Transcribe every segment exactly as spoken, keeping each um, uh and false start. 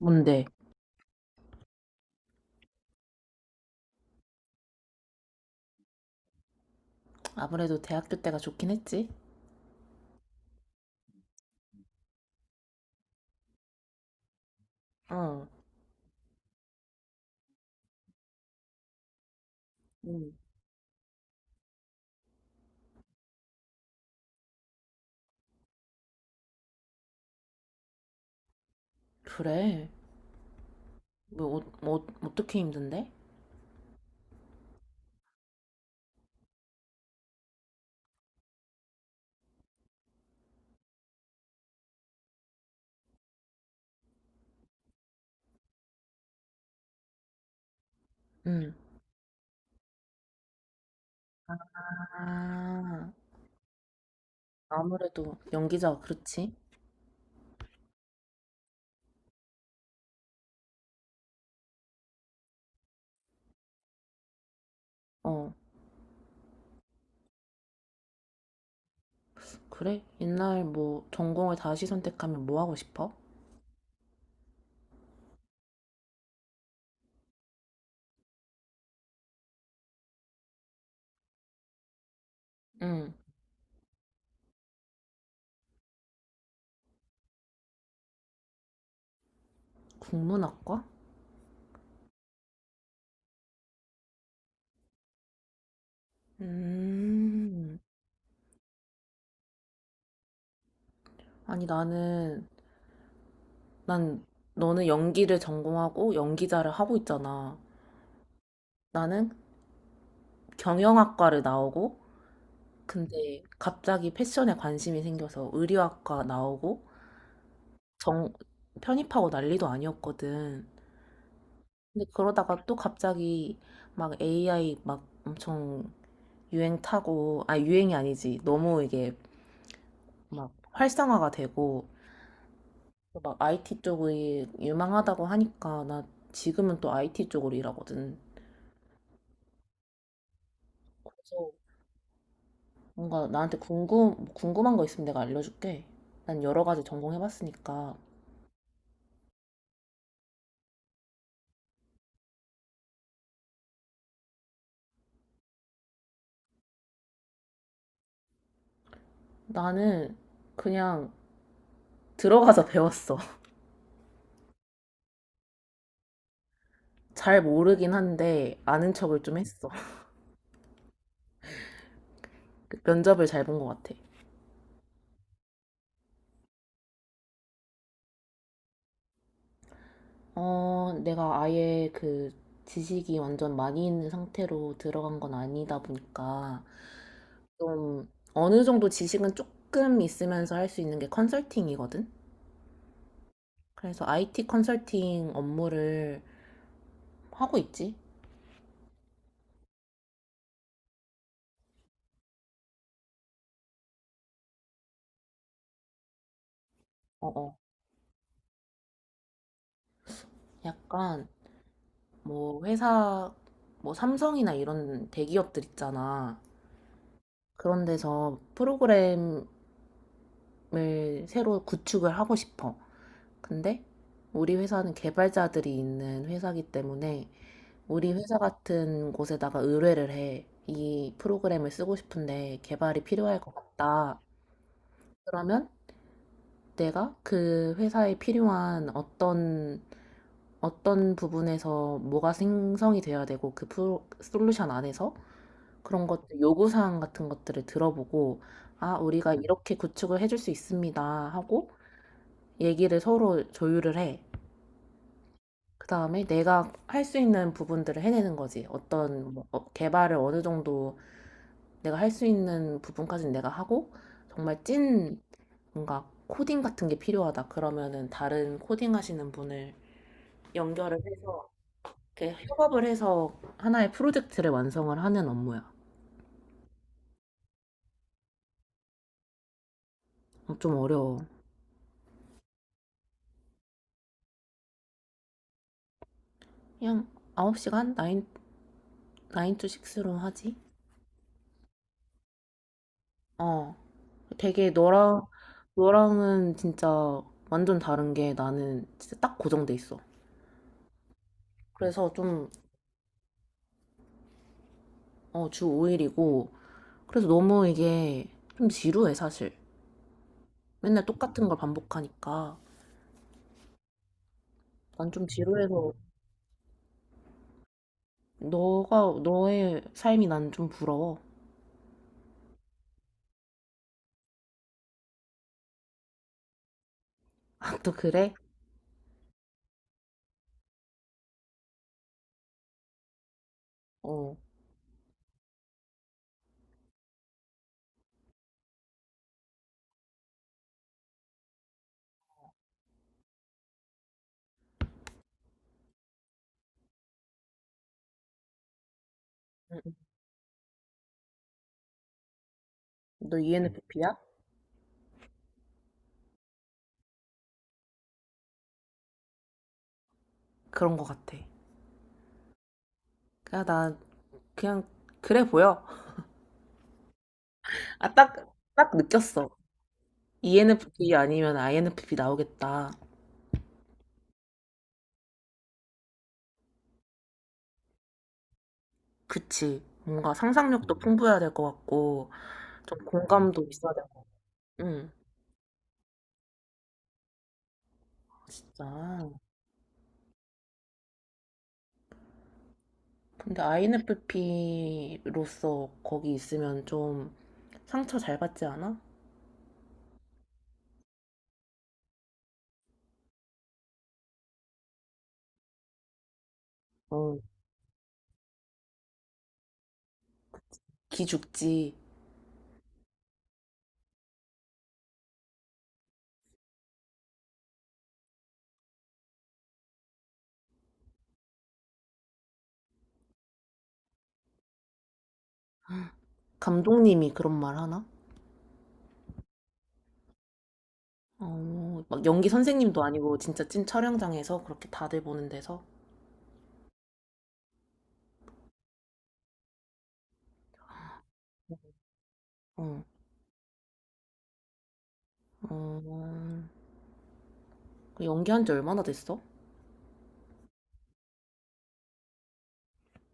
뭔데? 아무래도 대학교 때가 좋긴 했지. 어, 음. 그래. 뭐, 어, 뭐 어떻게 힘든데? 응. 아, 아무래도 연기자, 그렇지? 어, 그래? 옛날 뭐 전공을 다시 선택하면 뭐 하고 싶어? 응, 국문학과? 음, 아니 나는, 난 너는 연기를 전공하고 연기자를 하고 있잖아. 나는 경영학과를 나오고 근데 갑자기 패션에 관심이 생겨서 의류학과 나오고 정 편입하고 난리도 아니었거든. 근데 그러다가 또 갑자기 막 에이아이 막 엄청 유행 타고 아 유행이 아니지. 너무 이게 막 활성화가 되고 막 아이티 쪽이 유망하다고 하니까 나 지금은 또 아이티 쪽으로 일하거든. 그래서 뭔가 나한테 궁금 궁금한 거 있으면 내가 알려줄게. 난 여러 가지 전공해봤으니까 나는 그냥 들어가서 배웠어. 잘 모르긴 한데 아는 척을 좀 했어. 면접을 잘 본 것 같아. 어, 내가 아예 그 지식이 완전 많이 있는 상태로 들어간 건 아니다 보니까 좀 어느 정도 지식은 조금 있으면서 할 수 있는 게 컨설팅이거든. 그래서 아이티 컨설팅 업무를 하고 있지. 어, 어. 약간 뭐 회사 뭐 삼성이나 이런 대기업들 있잖아. 그런 데서 프로그램 을 새로 구축을 하고 싶어. 근데 우리 회사는 개발자들이 있는 회사이기 때문에 우리 회사 같은 곳에다가 의뢰를 해. 이 프로그램을 쓰고 싶은데 개발이 필요할 것 같다. 그러면 내가 그 회사에 필요한 어떤 어떤 부분에서 뭐가 생성이 되어야 되고 그 프로, 솔루션 안에서 그런 것들 요구사항 같은 것들을 들어보고 아, 우리가 이렇게 구축을 해줄 수 있습니다 하고 얘기를 서로 조율을 해. 그 다음에 내가 할 수 있는 부분들을 해내는 거지. 어떤 뭐, 어, 개발을 어느 정도 내가 할 수 있는 부분까지는 내가 하고, 정말 찐 뭔가 코딩 같은 게 필요하다. 그러면은 다른 코딩 하시는 분을 연결을 해서, 이렇게 협업을 해서 하나의 프로젝트를 완성을 하는 업무야. 어, 좀 어려워. 그냥 아홉 시간? 나인 나인 to 스로 하지? 어. 되게 너랑, 너랑은 진짜 완전 다른 게 나는 진짜 딱 고정돼 있어. 그래서 좀, 어, 주 오 일이고. 그래서 너무 이게 좀 지루해, 사실. 맨날 똑같은 걸 반복하니까. 난 좀 지루해서 너가, 너의 삶이 난 좀 부러워. 아, 또 그래? 어. 응. 응. 너 이엔에프피야? 그런 거 같아. 그냥 나 그냥 그래 보여. 아, 딱, 딱 느꼈어. 이엔에프피 아니면 아이엔에프피 나오겠다. 그치. 뭔가 상상력도 음. 풍부해야 될 것 같고, 좀 음. 공감도 있어야 될 것 같고. 응, 진짜. 근데 아이엔에프피로서 거기 있으면 좀 상처 잘 받지 않아? 어, 기죽지. 감독님이 그런 말 하나? 어, 막 연기 선생님도 아니고 진짜 찐 촬영장에서 그렇게 다들 보는 데서. 응, 어, 그 연기한 지 얼마나 됐어?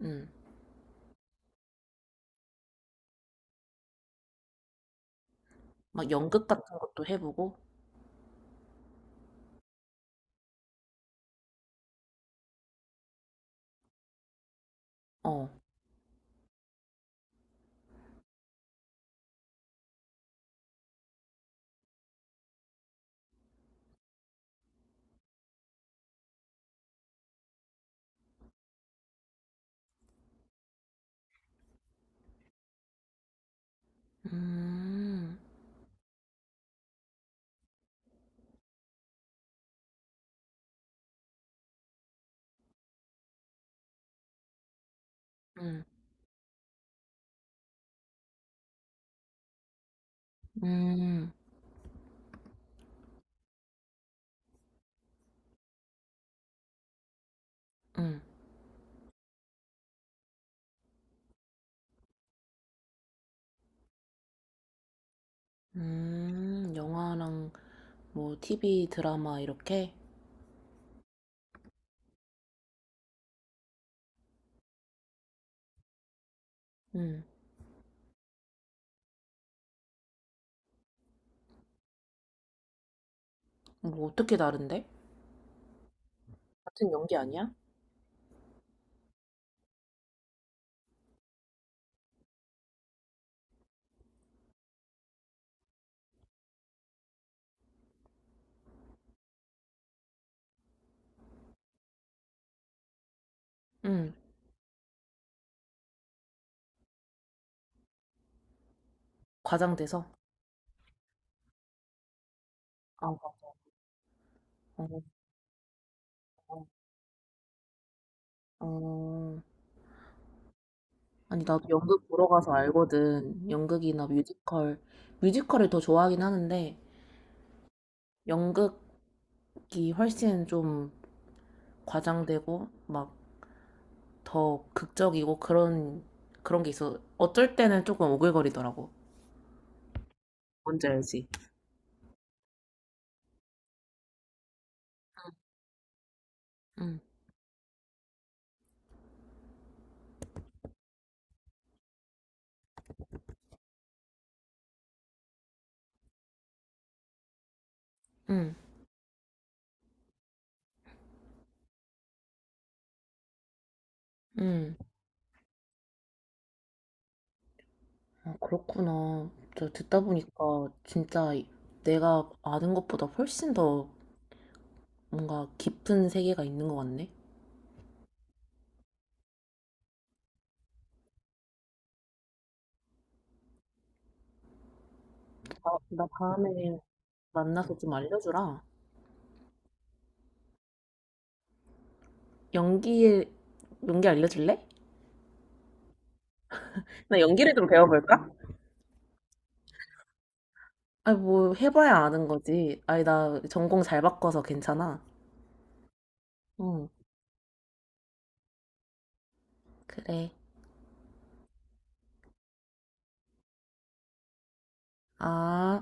응, 막 연극 같은 것도 해보고. 어, 음, 음, 음. 응. 음, 영화랑 뭐 티비 드라마 이렇게? 응. 뭐 어떻게 다른데? 같은 연기 아니야? 응. 과장돼서? 아, 어, 어. 어. 어, 아니, 나도 연극 보러 가서 알거든. 연극이나 뮤지컬. 뮤지컬을 더 좋아하긴 하는데, 연극이 훨씬 좀 과장되고, 막 더 극적이고 그런, 그런 게 있어. 어쩔 때는 조금 오글거리더라고. 뭔지 알지? 응, 응, 응. 아, 그렇구나. 저 듣다 보니까 진짜 내가 아는 것보다 훨씬 더 뭔가 깊은 세계가 있는 것 같네. 아, 나 다음에 만나서 좀 알려주라. 연기에, 연기 알려줄래? 나 연기를 좀 배워볼까? 아니, 뭐 해봐야 아는 거지. 아니, 나 전공 잘 바꿔서 괜찮아. 응, 그래. 아.